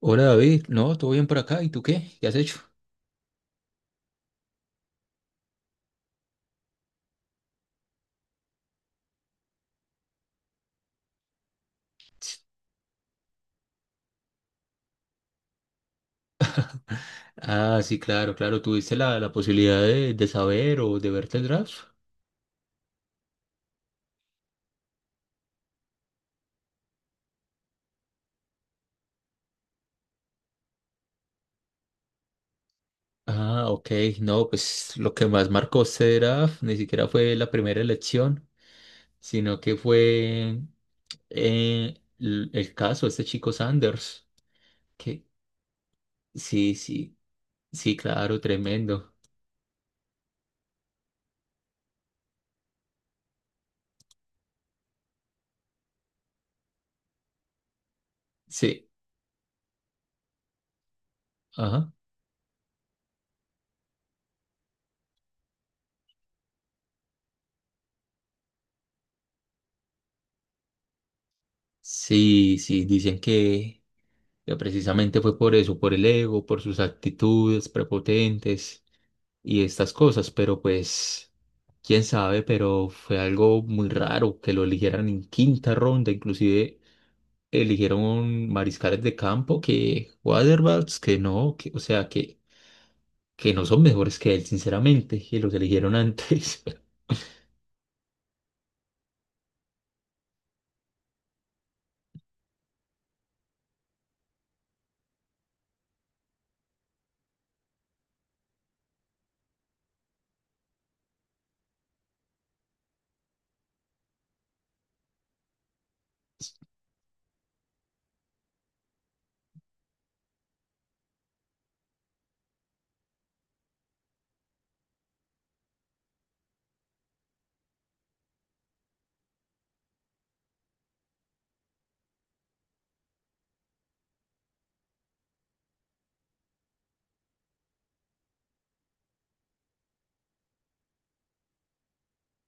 Hola David, no, todo bien por acá, ¿y tú qué? ¿Qué has hecho? Ah, sí, claro, claro, ¿tuviste la posibilidad de saber o de verte el draft? Ah, ok, no, pues lo que más marcó este draft ni siquiera fue la primera elección, sino que fue el caso de este chico Sanders, que sí, sí, sí, claro, tremendo, sí, ajá, Sí, dicen que precisamente fue por eso, por el ego, por sus actitudes prepotentes y estas cosas, pero pues, quién sabe, pero fue algo muy raro que lo eligieran en quinta ronda. Inclusive eligieron mariscales de campo que Waterballs, que no, que, o sea, que no son mejores que él, sinceramente, y los eligieron antes.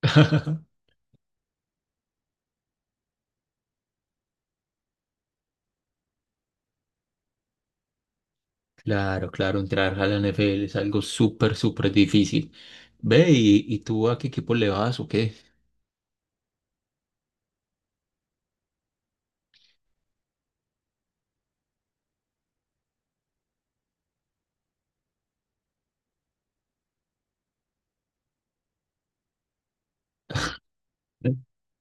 Claro, claro, entrar a la NFL es algo súper, súper difícil. Ve, y tú a qué equipo le vas o qué?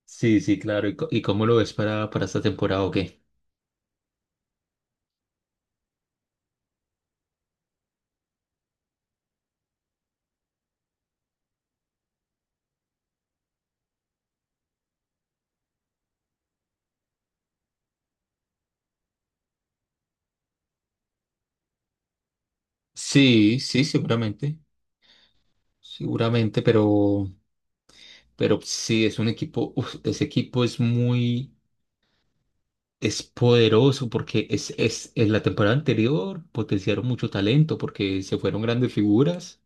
Sí, sí, claro. ¿Y, co- y cómo lo ves para esta temporada o qué? Sí, sí, seguramente. Seguramente, pero sí, es un equipo, uf, ese equipo es muy, es poderoso porque es, en la temporada anterior potenciaron mucho talento porque se fueron grandes figuras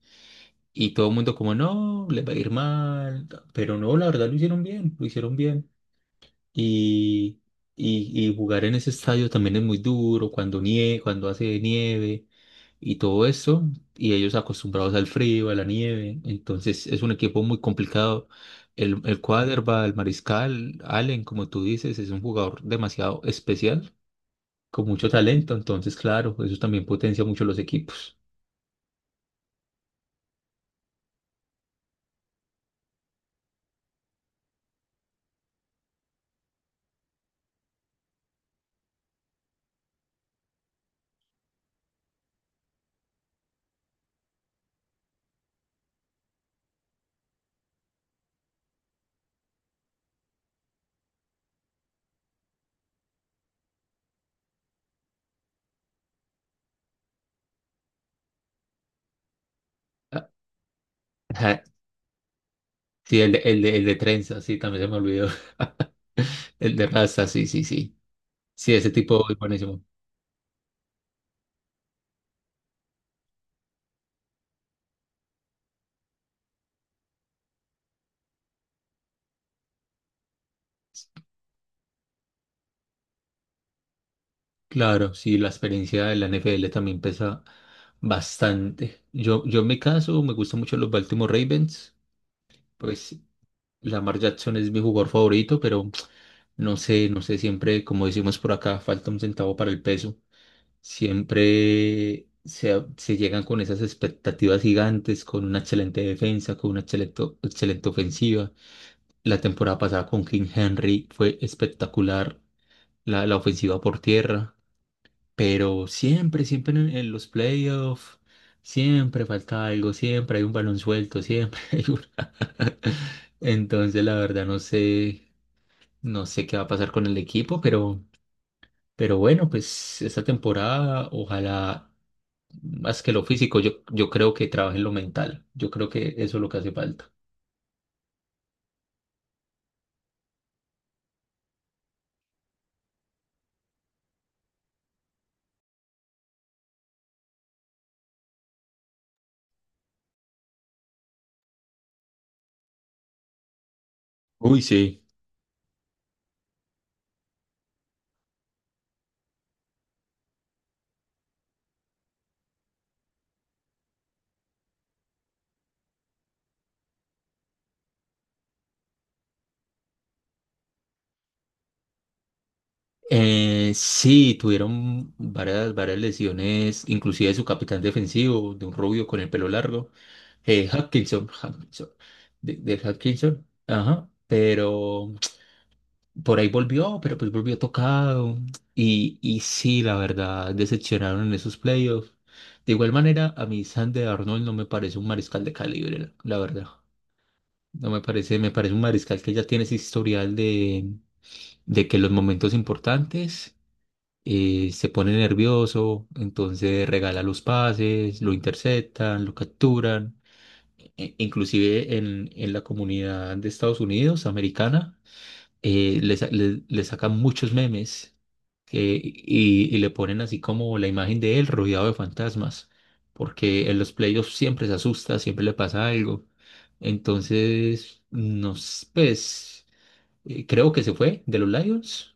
y todo el mundo como, no, les va a ir mal, pero no, la verdad lo hicieron bien, lo hicieron bien. Y, y jugar en ese estadio también es muy duro cuando nieve, cuando hace nieve y todo eso. Y ellos acostumbrados al frío, a la nieve. Entonces es un equipo muy complicado. El quarterback, el mariscal, Allen, como tú dices, es un jugador demasiado especial, con mucho talento. Entonces, claro, eso también potencia mucho los equipos. Ah, ajá. Sí, el de trenza, sí, también se me olvidó. El de raza, sí, sí, sí. Sí, ese tipo es buenísimo. Claro, sí, la experiencia de la NFL también pesa bastante. Yo en mi caso me gustan mucho los Baltimore Ravens, pues Lamar Jackson es mi jugador favorito, pero no sé, no sé, siempre, como decimos por acá, falta un centavo para el peso. Siempre se llegan con esas expectativas gigantes, con una excelente defensa, con una excelente, excelente ofensiva. La temporada pasada con King Henry fue espectacular, la ofensiva por tierra. Pero siempre, siempre en los playoffs, siempre falta algo, siempre hay un balón suelto, siempre hay una. Entonces, la verdad, no sé, no sé qué va a pasar con el equipo, pero bueno, pues esta temporada, ojalá, más que lo físico, yo creo que trabajen lo mental. Yo creo que eso es lo que hace falta. Uy, sí. Sí, tuvieron varias, varias lesiones, inclusive su capitán defensivo, de un rubio con el pelo largo, Hutchinson, Hutchinson, de Hutchinson, ajá, pero por ahí volvió, pero pues volvió tocado. Y sí, la verdad, decepcionaron en esos playoffs. De igual manera, a mí Sander Arnold no me parece un mariscal de calibre, la verdad. No me parece, me parece un mariscal que ya tiene ese historial de que los momentos importantes se pone nervioso, entonces regala los pases, lo interceptan, lo capturan. Inclusive en la comunidad de Estados Unidos, americana, le sacan muchos memes y le ponen así como la imagen de él rodeado de fantasmas, porque en los playoffs siempre se asusta, siempre le pasa algo. Entonces, nos, pues, creo que se fue de los Lions.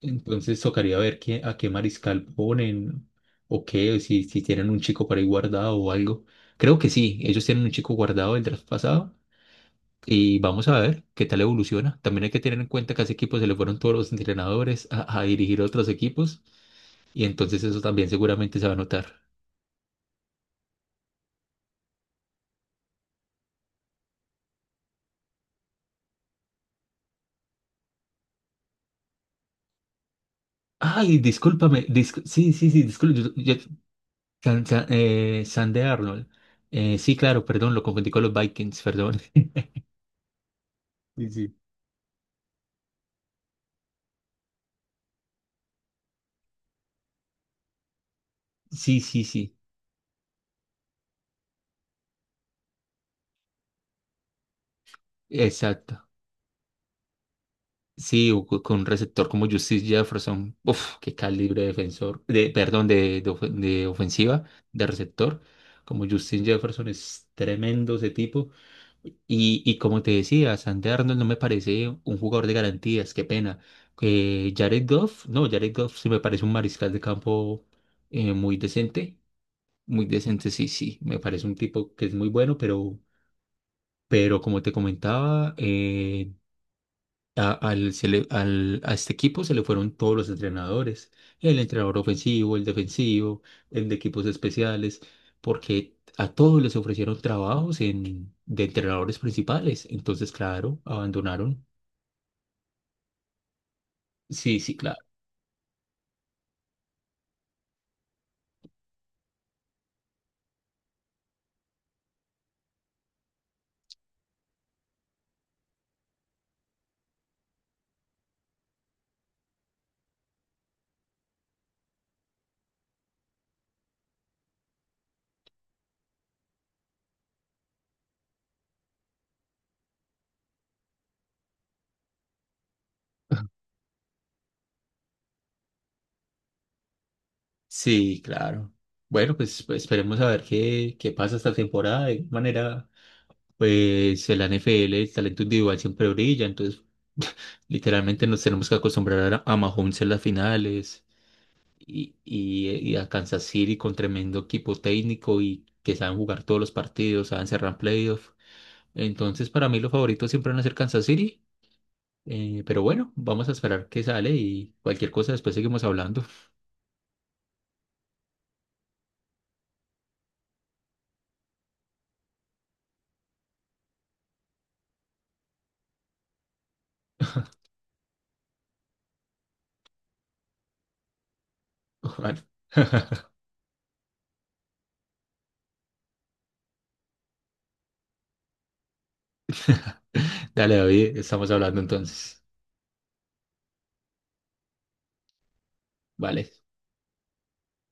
Entonces tocaría ver qué, a qué mariscal ponen o qué, o si, si tienen un chico por ahí guardado o algo. Creo que sí, ellos tienen un chico guardado del draft pasado y vamos a ver qué tal evoluciona. También hay que tener en cuenta que a ese equipo se le fueron todos los entrenadores a dirigir otros equipos y entonces eso también seguramente se va a notar. Ay, discúlpame, sí, sí, sí, discúlpame. San, de Arnold. Sí, claro, perdón, lo confundí con los Vikings, perdón. Sí, sí. Sí, sí, sí, exacto. Sí, o con un receptor como Justice Jefferson, uf, qué calibre de defensor, de, perdón, de, de ofensiva, de receptor, como Justin Jefferson es tremendo ese tipo. Y como te decía, Sandy Arnold no me parece un jugador de garantías, qué pena. Jared Goff, no, Jared Goff sí me parece un mariscal de campo, eh, muy decente, muy decente, sí, sí, me parece un tipo que es muy bueno, pero como te comentaba, a este equipo se le fueron todos los entrenadores, el entrenador ofensivo, el defensivo, el de equipos especiales, porque a todos les ofrecieron trabajos en, de entrenadores principales. Entonces, claro, abandonaron. Sí, sí, claro. Sí, claro. Bueno, pues pues, esperemos a ver qué, qué pasa esta temporada. De manera, pues el NFL, el talento individual siempre brilla, entonces literalmente nos tenemos que acostumbrar a Mahomes en las finales. Y a Kansas City con tremendo equipo técnico y que saben jugar todos los partidos, saben cerrar playoffs. Entonces, para mí los favoritos siempre van a ser Kansas City. Pero bueno, vamos a esperar que sale y cualquier cosa después seguimos hablando. Ojalá. Dale, David, estamos hablando entonces. Vale.